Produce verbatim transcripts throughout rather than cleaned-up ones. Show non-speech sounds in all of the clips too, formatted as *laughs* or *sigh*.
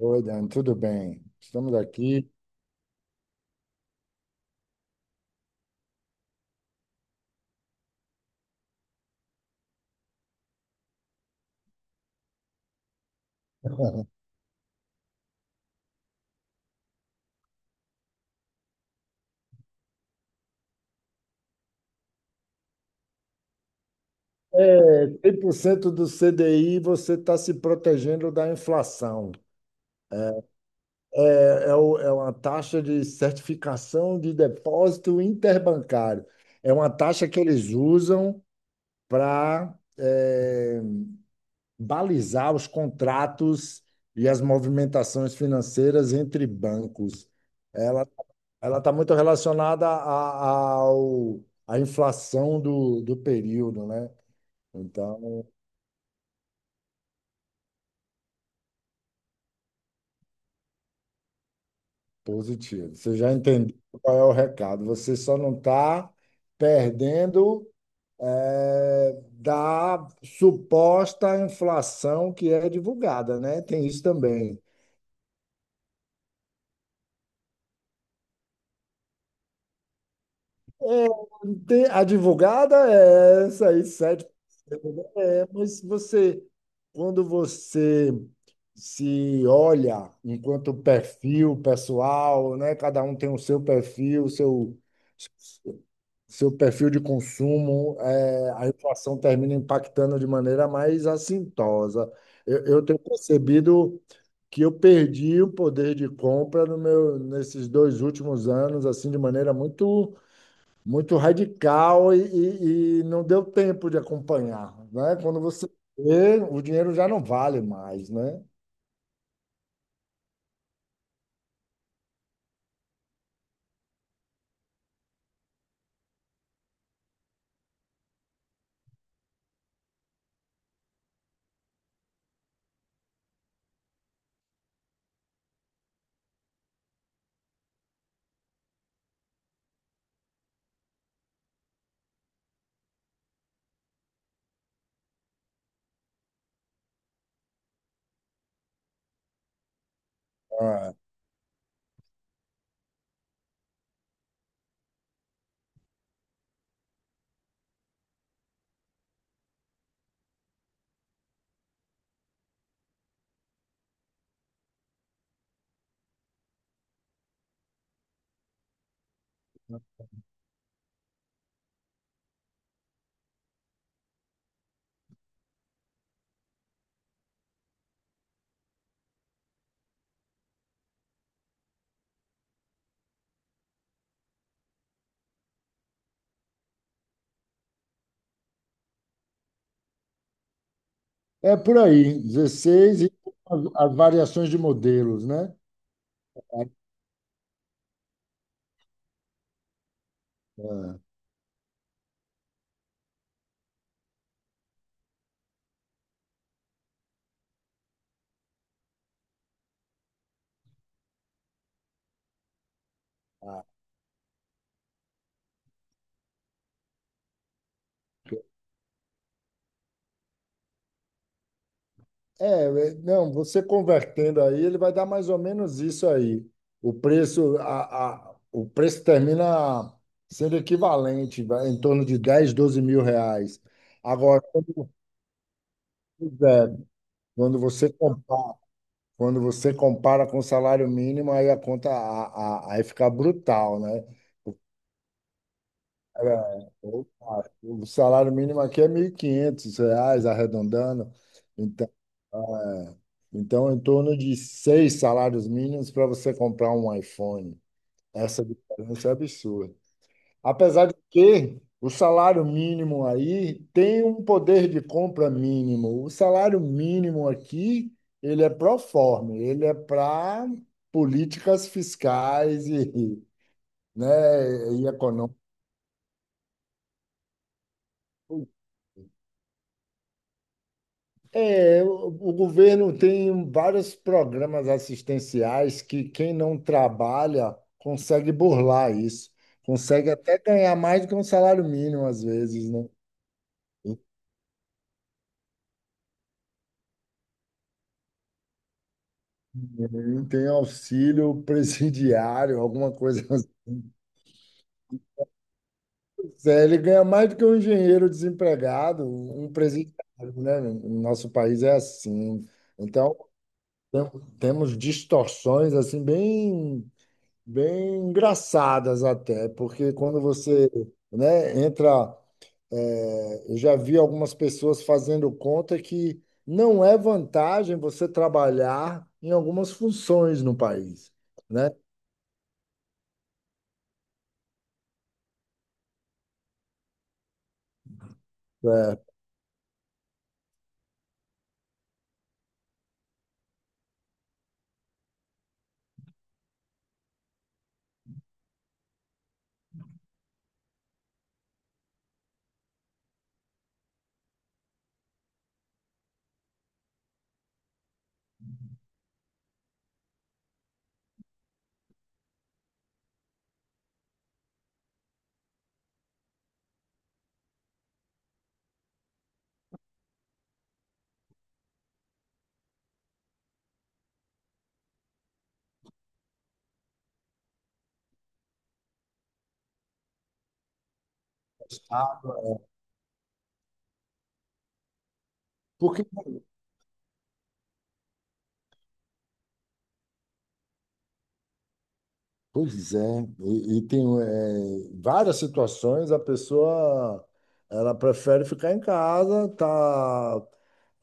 Oi, Dan, tudo bem? Estamos aqui. *laughs* cem por cento do C D I você está se protegendo da inflação. É, é o- é uma taxa de certificação de depósito interbancário. É uma taxa que eles usam para balizar os contratos e as movimentações financeiras entre bancos. Ela ela está muito relacionada a- a- ao, à inflação do, do período, né? Então, positivo. Você já entendeu qual é o recado. Você só não está perdendo eh, da suposta inflação que é divulgada, né? Tem isso também. Tem- A divulgada é essa aí, sete por cento. Né? É, mas você, quando você se olha enquanto perfil pessoal, né? Cada um tem o seu perfil, o seu. seu perfil de consumo, é, a inflação termina impactando de maneira mais assintosa. Eu, eu tenho percebido que eu perdi o poder de compra no meu, nesses dois últimos anos, assim, de maneira muito, muito radical e, e- e não deu tempo de acompanhar, né? Quando você vê, o dinheiro já não vale mais, né? É. É por aí, dezesseis e as, as variações de modelos, né? É. É, é, não, você convertendo aí, ele vai dar mais ou menos isso aí. O preço, a, a- o preço termina sendo equivalente, vai, em torno de dez, doze mil reais. Agora, quando, você, é, quando você compara, quando você compara com o salário mínimo, aí a conta a, a, aí fica brutal, né? Era, opa, o salário mínimo aqui é mil e quinhentos reais, arredondando. Então, é, então, em torno de seis salários mínimos para você comprar um iPhone. Essa diferença é absurda. Apesar de que o salário mínimo aí tem um poder de compra mínimo. O salário mínimo aqui, ele é pro forma, ele é para políticas fiscais e, né, e econômicas. É, o o governo tem vários programas assistenciais que quem não trabalha consegue burlar isso, consegue até ganhar mais do que um salário mínimo às vezes, né? Tem auxílio *laughs* presidiário, alguma coisa assim. É, ele ganha mais do que um engenheiro desempregado, um presidiário, né? No nosso país é assim. Então, tem- temos distorções assim bem bem engraçadas até, porque quando você, né, entra, é, eu já vi algumas pessoas fazendo conta que não é vantagem você trabalhar em algumas funções no país, né? Porque, Pois é, e, e tem é, várias situações a pessoa ela prefere ficar em casa, tá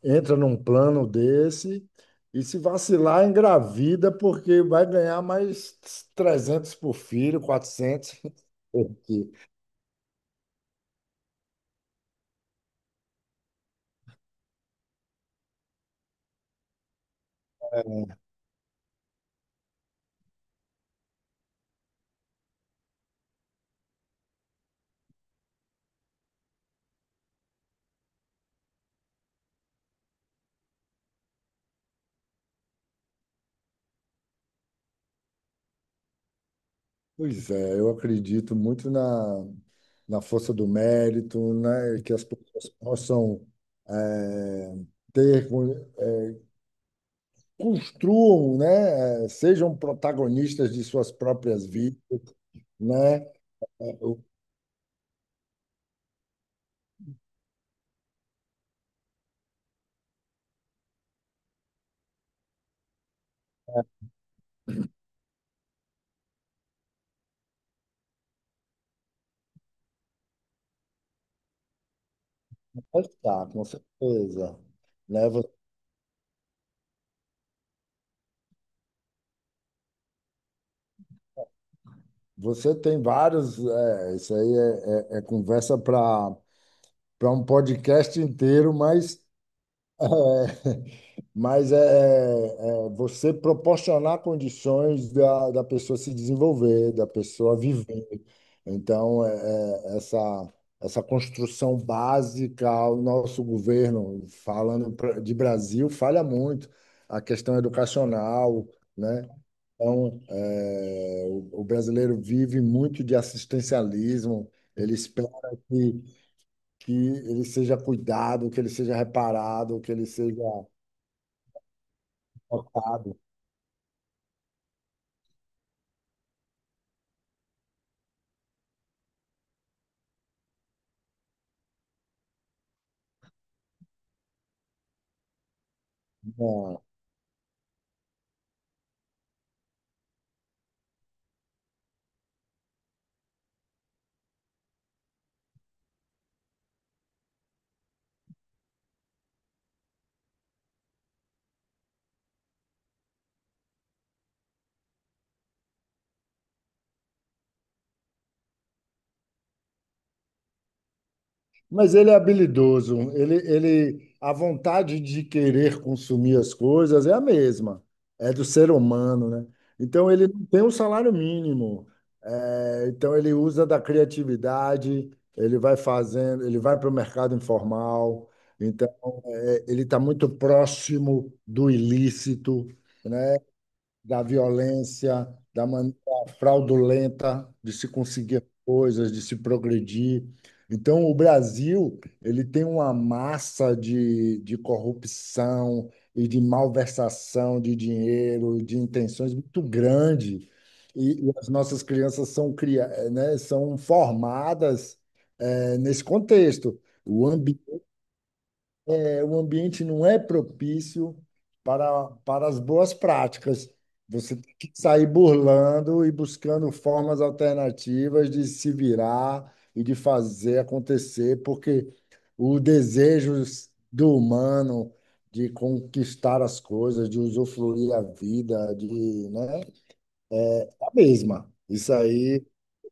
entra num plano desse e se vacilar, engravida, porque vai ganhar mais trezentos por filho, quatrocentos. *laughs* Porque- Pois é, eu acredito muito na, na força do mérito, né? Que as pessoas possam eh, ter, construam, né? eh, Sejam protagonistas de suas próprias vidas, né? Eh, o- Tá, com certeza. Né? Você tem vários, é, isso aí é, é- é conversa para para um podcast inteiro, mas, *laughs* é, mas é, é é você proporcionar condições da, da pessoa se desenvolver, da pessoa viver. Então, é, é, essa, essa construção básica, o nosso governo, falando pra- de Brasil, falha muito. A questão educacional, né? Então, é, o, o brasileiro vive muito de assistencialismo, ele espera que, que ele seja cuidado, que ele seja reparado, que ele seja tratado. Não. Mas ele é habilidoso, ele, ele, a vontade de querer consumir as coisas é a mesma, é do ser humano, né? Então, ele não tem um salário mínimo. É, então, ele usa da criatividade, ele vai fazendo, ele vai para o mercado informal. Então é, ele está muito próximo do ilícito, né? Da violência, da maneira fraudulenta de se conseguir coisas, de se progredir. Então, o Brasil, ele tem uma massa de, de corrupção e de malversação de dinheiro, de intenções muito grande. E, e as nossas crianças são, cria- né, são formadas, eh, nesse contexto. O ambiente é, o ambiente não é propício para, para as boas práticas. Você tem que sair burlando e buscando formas alternativas de se virar e de fazer acontecer, porque o desejo do humano de conquistar as coisas, de usufruir a vida, de, né, é a mesma. Isso aí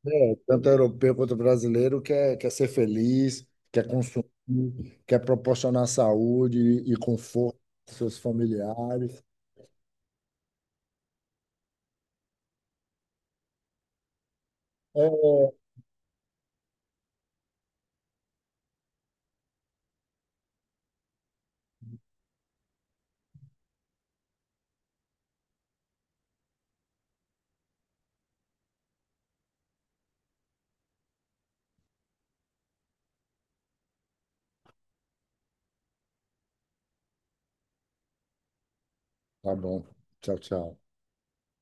é, tanto europeu quanto brasileiro quer, quer ser feliz, quer consumir, quer proporcionar saúde e conforto aos seus familiares. É, é. Tá bom. Tchau, tchau.